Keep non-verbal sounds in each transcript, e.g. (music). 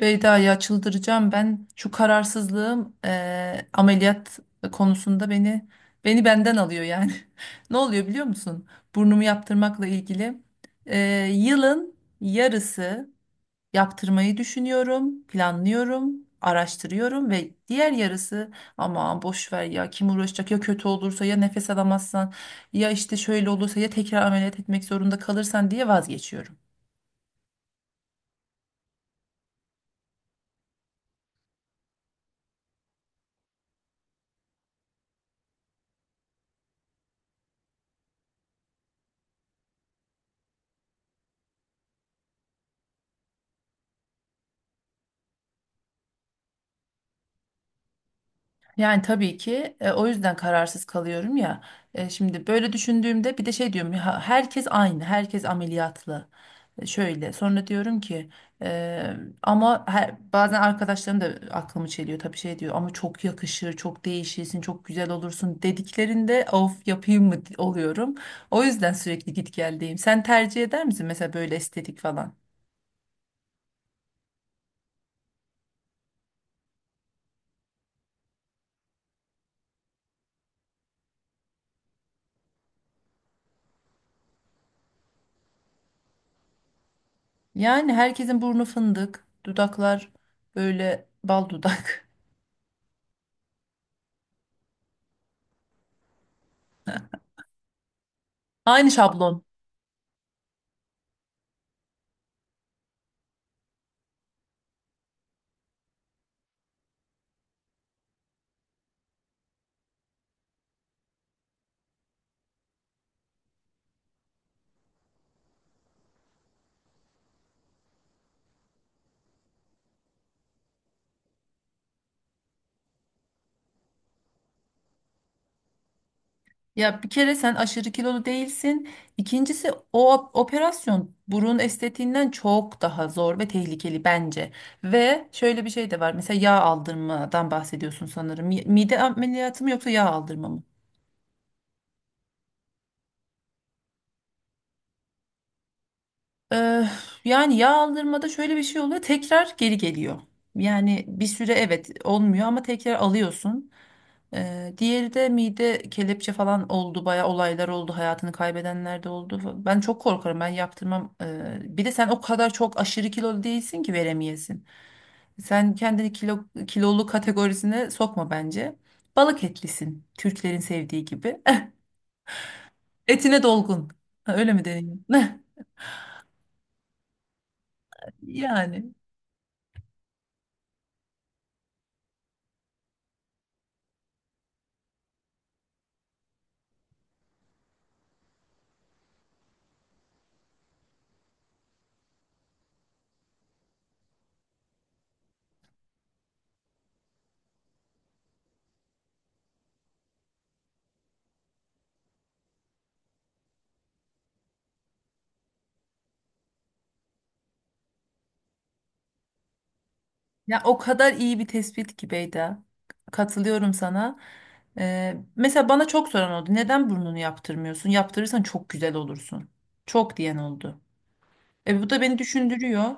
Beyda ya çıldıracağım ben şu kararsızlığım ameliyat konusunda beni benden alıyor yani. (laughs) Ne oluyor biliyor musun? Burnumu yaptırmakla ilgili yılın yarısı yaptırmayı düşünüyorum, planlıyorum, araştırıyorum ve diğer yarısı aman boş ver ya kim uğraşacak ya kötü olursa ya nefes alamazsan ya işte şöyle olursa ya tekrar ameliyat etmek zorunda kalırsan diye vazgeçiyorum. Yani tabii ki o yüzden kararsız kalıyorum ya. Şimdi böyle düşündüğümde bir de şey diyorum ya herkes aynı, herkes ameliyatlı. Şöyle sonra diyorum ki e, ama her, bazen arkadaşlarım da aklımı çeliyor tabii şey diyor ama çok yakışır, çok değişirsin, çok güzel olursun dediklerinde of yapayım mı oluyorum. O yüzden sürekli git geldeyim. Sen tercih eder misin mesela böyle estetik falan? Yani herkesin burnu fındık, dudaklar böyle bal dudak. (laughs) Aynı şablon. Ya bir kere sen aşırı kilolu değilsin. İkincisi o operasyon burun estetiğinden çok daha zor ve tehlikeli bence. Ve şöyle bir şey de var. Mesela yağ aldırmadan bahsediyorsun sanırım. Mide ameliyatı mı yoksa yağ aldırma mı? Ee, Yani yağ aldırmada şöyle bir şey oluyor. Tekrar geri geliyor. Yani bir süre evet olmuyor ama tekrar alıyorsun. Diğeri de mide kelepçe falan oldu. Bayağı olaylar oldu. Hayatını kaybedenler de oldu. Ben çok korkarım. Ben yaptırmam. Bir de sen o kadar çok aşırı kilolu değilsin ki veremeyesin. Sen kendini kilolu kategorisine sokma bence. Balık etlisin. Türklerin sevdiği gibi. (laughs) Etine dolgun. Ha, öyle mi deniyor? (laughs) Yani. Ya o kadar iyi bir tespit ki Beyda. Katılıyorum sana. Mesela bana çok soran oldu. Neden burnunu yaptırmıyorsun? Yaptırırsan çok güzel olursun. Çok diyen oldu. E bu da beni düşündürüyor.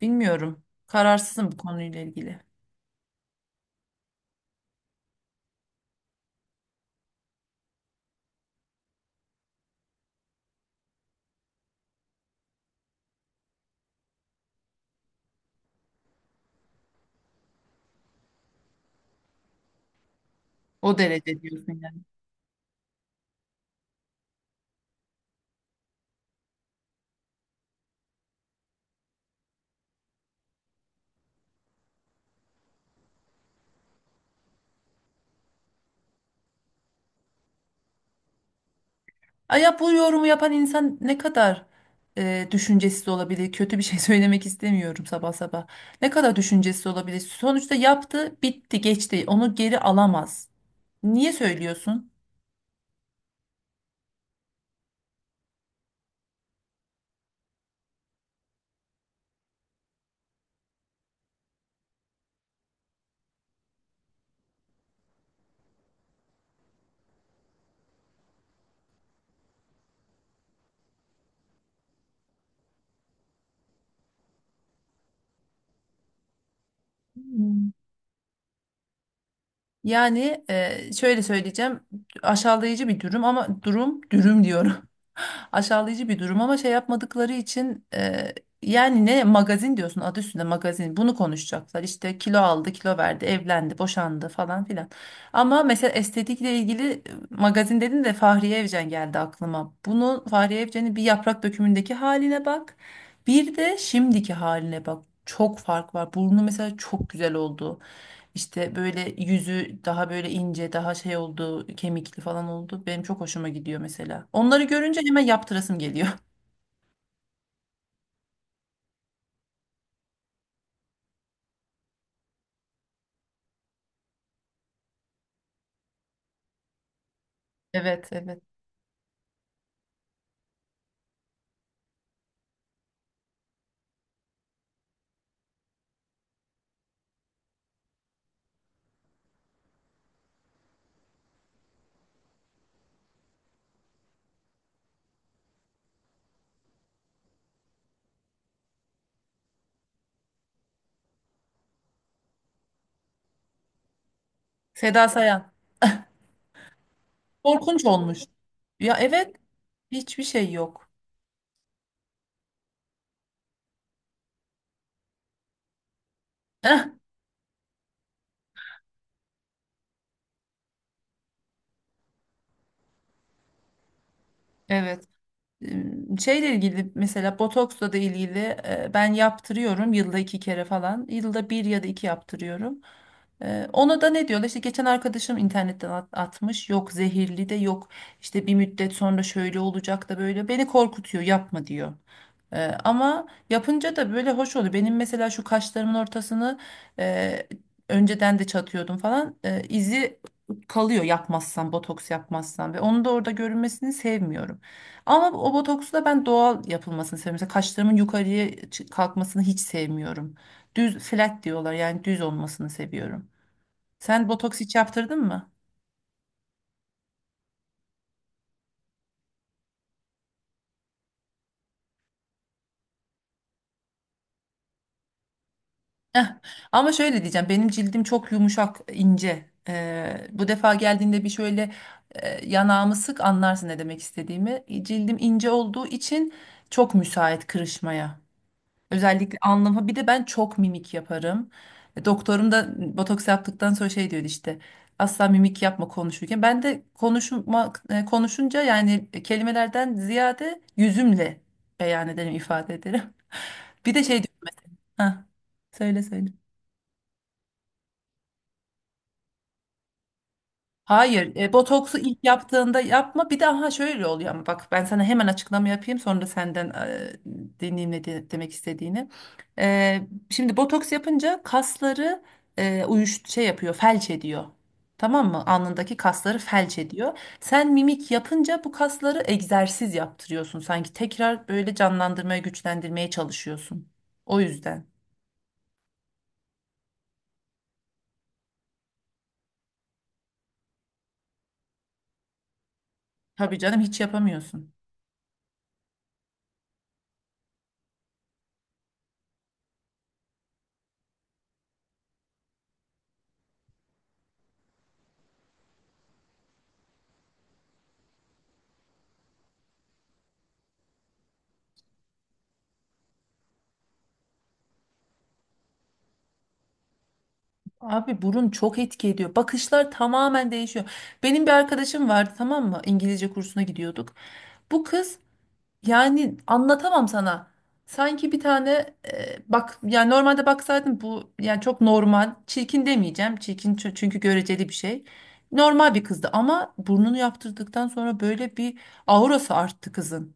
Bilmiyorum. Kararsızım bu konuyla ilgili. O derece diyorsun yani. Ay ya bu yorumu yapan insan ne kadar düşüncesiz olabilir? Kötü bir şey (laughs) söylemek istemiyorum sabah sabah. Ne kadar düşüncesiz olabilir? Sonuçta yaptı, bitti, geçti. Onu geri alamaz. Niye söylüyorsun? Yani şöyle söyleyeceğim aşağılayıcı bir durum ama durum dürüm diyorum. (laughs) Aşağılayıcı bir durum ama şey yapmadıkları için yani ne magazin diyorsun adı üstünde magazin bunu konuşacaklar işte kilo aldı kilo verdi evlendi boşandı falan filan. Ama mesela estetikle ilgili magazin dedin de Fahriye Evcen geldi aklıma. Bunu Fahriye Evcen'in bir yaprak dökümündeki haline bak bir de şimdiki haline bak çok fark var burnu mesela çok güzel oldu. İşte böyle yüzü daha böyle ince, daha şey oldu, kemikli falan oldu. Benim çok hoşuma gidiyor mesela. Onları görünce hemen yaptırasım geliyor. (laughs) Evet, evet. Seda Sayan. Korkunç olmuş. Ya evet, hiçbir şey yok. (laughs) Eh, evet. Şeyle ilgili mesela botoksla da ilgili ben yaptırıyorum yılda iki kere falan. Yılda bir ya da iki yaptırıyorum. E, ona da ne diyorlar? İşte geçen arkadaşım internetten atmış. Yok zehirli de yok. İşte bir müddet sonra şöyle olacak da böyle. Beni korkutuyor, yapma diyor. Ama yapınca da böyle hoş oluyor. Benim mesela şu kaşlarımın ortasını e, önceden de çatıyordum falan. E, izi kalıyor yapmazsam, botoks yapmazsam ve onu da orada görünmesini sevmiyorum. Ama o botoksu da ben doğal yapılmasını seviyorum. Mesela kaşlarımın yukarıya kalkmasını hiç sevmiyorum. Düz flat diyorlar yani düz olmasını seviyorum. Sen botoks hiç yaptırdın mı? Ama şöyle diyeceğim benim cildim çok yumuşak ince. Bu defa geldiğinde bir şöyle yanağımı sık anlarsın ne demek istediğimi. E, cildim ince olduğu için çok müsait kırışmaya. Özellikle alnıma bir de ben çok mimik yaparım. E, doktorum da botoks yaptıktan sonra şey diyordu işte asla mimik yapma konuşurken. Ben de konuşmak konuşunca yani kelimelerden ziyade yüzümle beyan ederim ifade ederim. (laughs) Bir de şey diyorum mesela. Hah, söyle söyle. Hayır, botoksu ilk yaptığında yapma. Bir de aha şöyle oluyor ama bak ben sana hemen açıklama yapayım sonra senden dinleyeyim ne demek istediğini. E, Şimdi botoks yapınca kasları e, uyuş şey yapıyor, felç ediyor. Tamam mı? Alnındaki kasları felç ediyor. Sen mimik yapınca bu kasları egzersiz yaptırıyorsun. Sanki tekrar böyle canlandırmaya, güçlendirmeye çalışıyorsun. O yüzden. Tabii canım hiç yapamıyorsun. Abi burun çok etki ediyor. Bakışlar tamamen değişiyor. Benim bir arkadaşım vardı tamam mı? İngilizce kursuna gidiyorduk. Bu kız yani anlatamam sana. Sanki bir tane bak yani normalde baksaydım bu yani çok normal. Çirkin demeyeceğim. Çirkin çünkü göreceli bir şey. Normal bir kızdı ama burnunu yaptırdıktan sonra böyle bir aurası arttı kızın.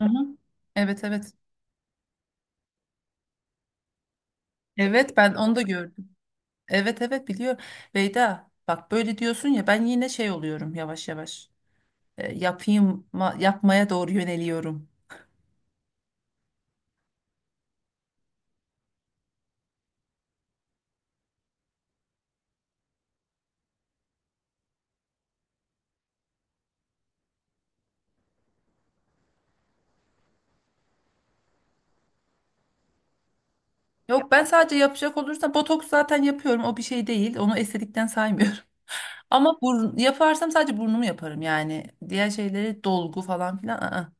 Hı hı. Evet, evet. Evet, ben onu da gördüm. Evet, evet, biliyorum. Beyda bak böyle diyorsun ya ben yine şey oluyorum yavaş yavaş. Yapayım yapmaya doğru yöneliyorum. Yok ben sadece yapacak olursam botoks zaten yapıyorum o bir şey değil onu estetikten saymıyorum. (laughs) Ama burun, yaparsam sadece burnumu yaparım yani diğer şeyleri dolgu falan filan. I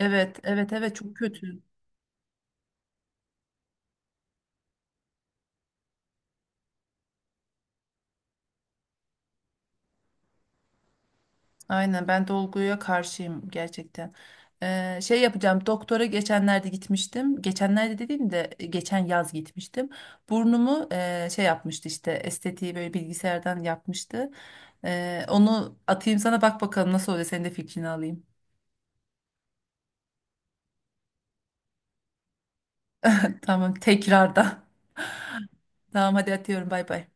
Evet, evet, evet, çok kötü. Aynen ben dolguya karşıyım gerçekten. Şey yapacağım doktora geçenlerde gitmiştim. Geçenlerde dediğim de geçen yaz gitmiştim. Burnumu şey yapmıştı işte estetiği böyle bilgisayardan yapmıştı. Onu atayım sana bak bakalım nasıl oluyor senin de fikrini alayım. (laughs) Tamam tekrardan. (laughs) Tamam hadi atıyorum bay bay.